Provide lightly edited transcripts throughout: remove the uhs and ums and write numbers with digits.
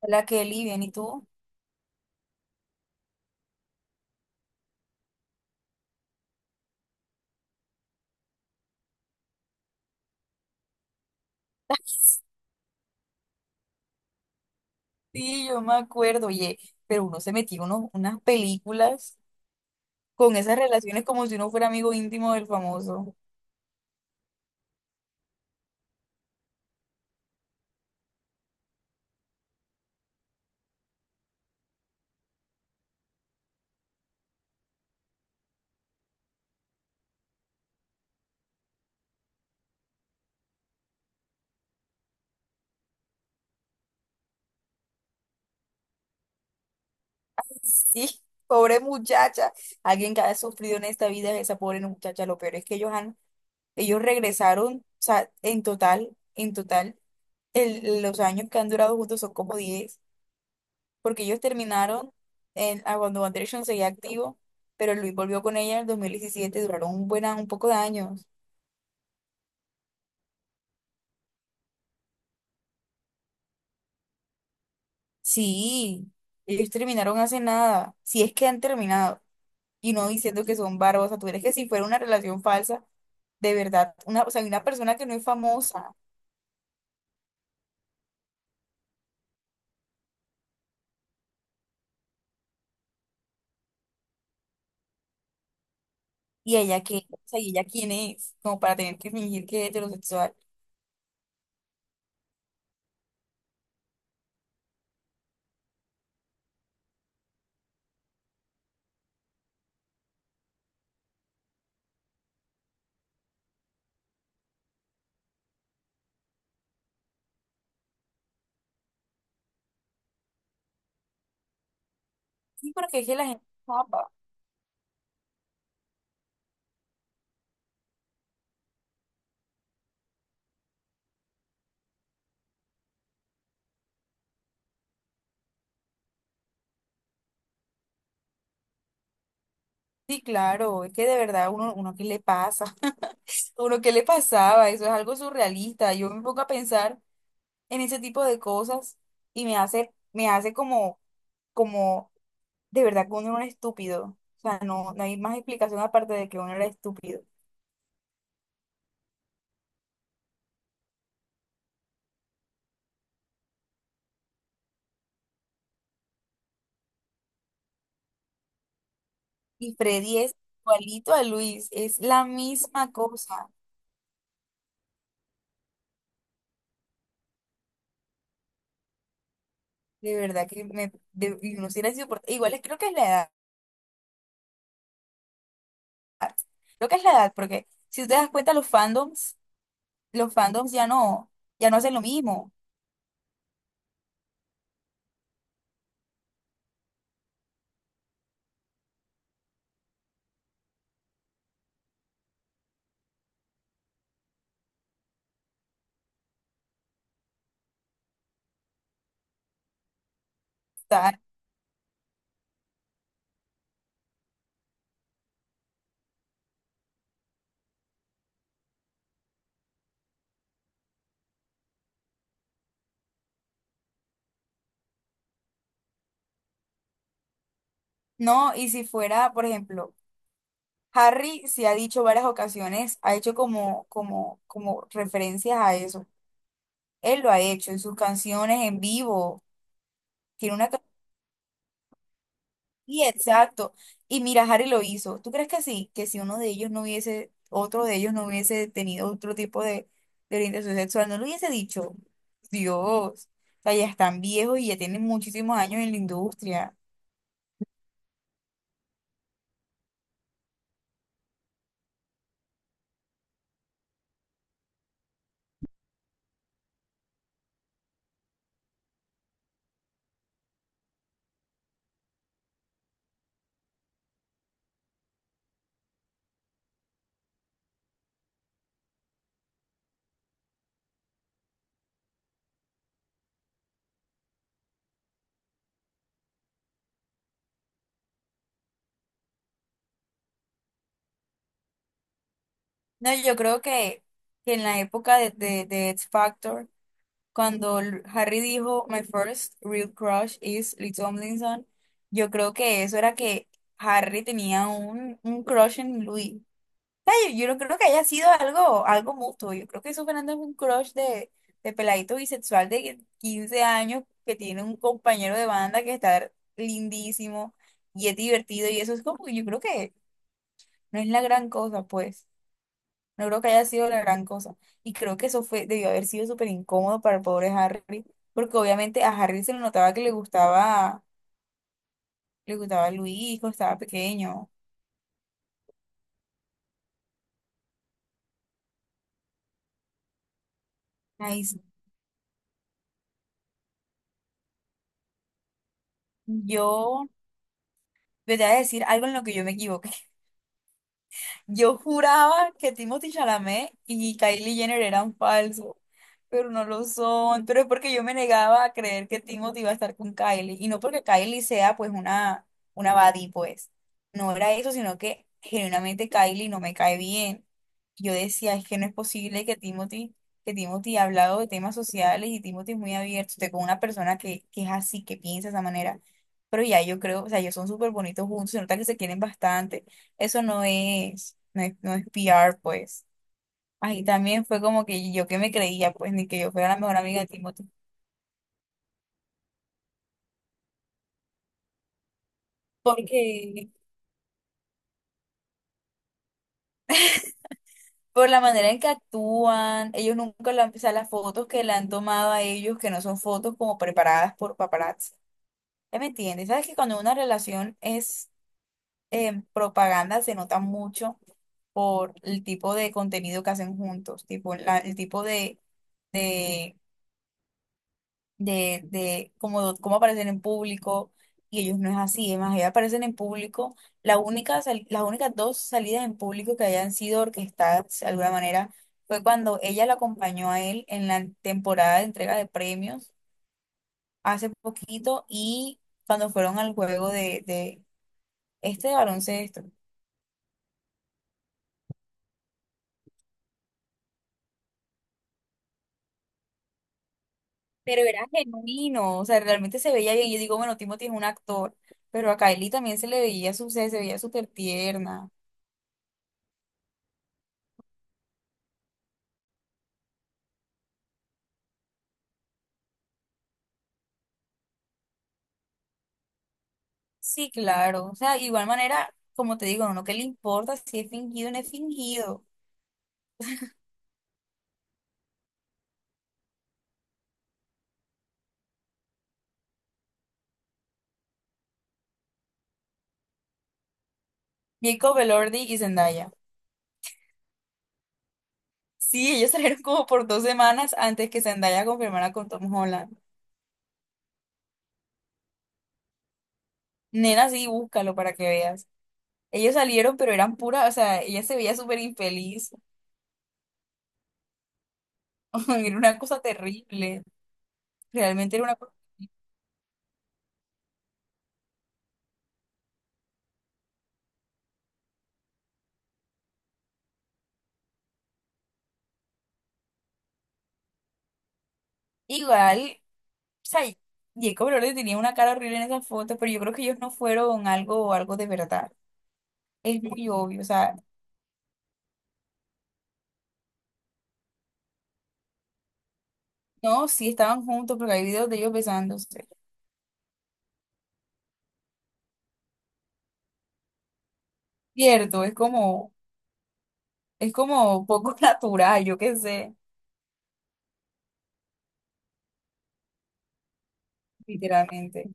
Hola Kelly, bien, ¿y tú? Sí, yo me acuerdo, oye, pero uno se metió unas películas con esas relaciones como si uno fuera amigo íntimo del famoso. Sí, pobre muchacha, alguien que ha sufrido en esta vida es esa pobre muchacha, lo peor es que ellos regresaron, o sea, en total, los años que han durado juntos son como 10, porque ellos terminaron en, a cuando One Direction seguía activo, pero Luis volvió con ella en el 2017, duraron un buen, un poco de años. Sí, ellos terminaron hace nada, si es que han terminado, y no diciendo que son bárbaros, o sea, tú eres que si fuera una relación falsa, de verdad, una, o sea, una persona que no es famosa. Y ella qué, o sea, y ella quién es, como para tener que fingir que es heterosexual. Sí, porque es que la gente es guapa. Sí, claro, es que de verdad uno, uno qué le pasa, uno qué le pasaba, eso es algo surrealista. Yo me pongo a pensar en ese tipo de cosas y me hace como, como de verdad que uno era un estúpido. O sea, no, no hay más explicación aparte de que uno era estúpido. Y Freddy es igualito a Luis, es la misma cosa. De verdad que me, de, y uno sí era insoportable. Creo que es la edad. Creo que es la edad, porque si usted das cuenta, los fandoms ya no, ya no hacen lo mismo. Está. No, y si fuera, por ejemplo, Harry sí ha dicho varias ocasiones, ha hecho como referencias a eso. Él lo ha hecho en sus canciones en vivo. Tiene una. Sí, exacto. Y mira, Harry lo hizo. ¿Tú crees que sí? Que si uno de ellos no hubiese, otro de ellos no hubiese tenido otro tipo de orientación sexual, no lo hubiese dicho. Dios, o sea, ya están viejos y ya tienen muchísimos años en la industria. No, yo creo que en la época de X Factor, cuando Harry dijo, My first real crush is Lee Tomlinson, yo creo que eso era que Harry tenía un crush en Louis. Yo no creo que haya sido algo, algo mutuo. Yo creo que eso Fernando es un crush de peladito bisexual de 15 años que tiene un compañero de banda que está lindísimo y es divertido. Y eso es como, yo creo que no es la gran cosa, pues. No creo que haya sido la gran cosa. Y creo que eso fue, debió haber sido súper incómodo para el pobre Harry, porque obviamente a Harry se le notaba que le gustaba Luis cuando estaba pequeño. Ay, sí. Yo. Yo te voy a decir algo en lo que yo me equivoqué. Yo juraba que Timothy Chalamet y Kylie Jenner eran falsos, pero no lo son. Pero es porque yo me negaba a creer que Timothy iba a estar con Kylie. Y no porque Kylie sea pues una baddie, pues. No era eso, sino que genuinamente Kylie no me cae bien. Yo decía, es que no es posible que Timothy ha hablado de temas sociales y Timothy es muy abierto, esté con una persona que es así, que piensa de esa manera. Pero ya yo creo, o sea, ellos son súper bonitos juntos, se nota que se quieren bastante. Eso no es, no es, no es P. R. pues. Ahí también fue como que yo que me creía, pues, ni que yo fuera la mejor amiga de Timothy. Porque por la manera en que actúan, ellos nunca la, o sea, las fotos que le han tomado a ellos, que no son fotos como preparadas por paparazzi. ¿Ya me entiendes? ¿Sabes que cuando una relación es propaganda se nota mucho por el tipo de contenido que hacen juntos, tipo el tipo de, de cómo, cómo aparecen en público y ellos no es así, es más, ellos aparecen en público, la las únicas dos salidas en público que hayan sido orquestadas de alguna manera fue cuando ella lo acompañó a él en la temporada de entrega de premios hace poquito y cuando fueron al juego de este de baloncesto. Pero era genuino, o sea, realmente se veía bien. Yo digo, bueno, Timothy es un actor, pero a Kylie también se le veía su, se veía súper tierna. Sí, claro. O sea, igual manera, como te digo, no uno que le importa si es fingido o no es fingido. Jacob Elordi y Zendaya. Sí, ellos salieron como por dos semanas antes que Zendaya confirmara con Tom Holland. Nena, sí, búscalo para que veas. Ellos salieron, pero eran pura, o sea, ella se veía súper infeliz. Era una cosa terrible. Realmente era una cosa. Igual, o sea, Jacob Elordi tenía una cara horrible en esas fotos, pero yo creo que ellos no fueron algo, algo de verdad. Es muy obvio, o sea. No, sí estaban juntos, porque hay videos de ellos besándose. Cierto, es como poco natural, yo qué sé, literalmente.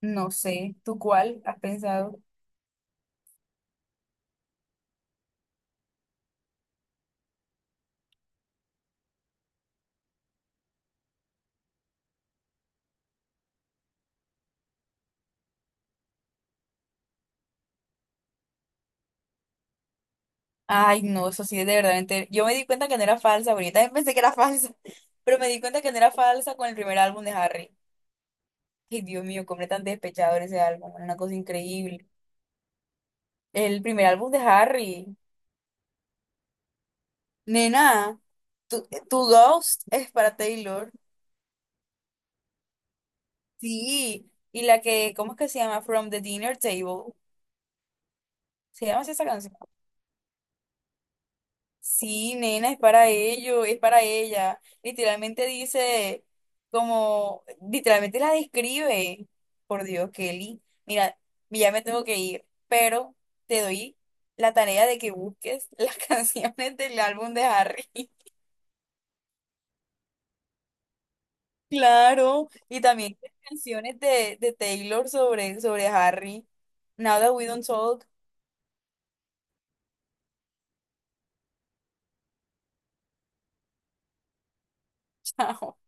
No sé, ¿tú cuál has pensado? Ay, no, eso sí es de verdad. Yo me di cuenta que no era falsa, ahorita también pensé que era falsa, pero me di cuenta que no era falsa con el primer álbum de Harry. Ay, Dios mío, completamente despechador ese álbum, era una cosa increíble. El primer álbum de Harry. Nena, tu Ghost es para Taylor. Sí, y la que, ¿cómo es que se llama? From the Dinner Table. ¿Se llama así esa canción? Sí, nena, es para ello, es para ella. Literalmente dice, como, literalmente la describe. Por Dios, Kelly. Mira, ya me tengo que ir, pero te doy la tarea de que busques las canciones del álbum de Harry. Claro, y también las canciones de Taylor sobre, sobre Harry. Now that we don't talk. Chao.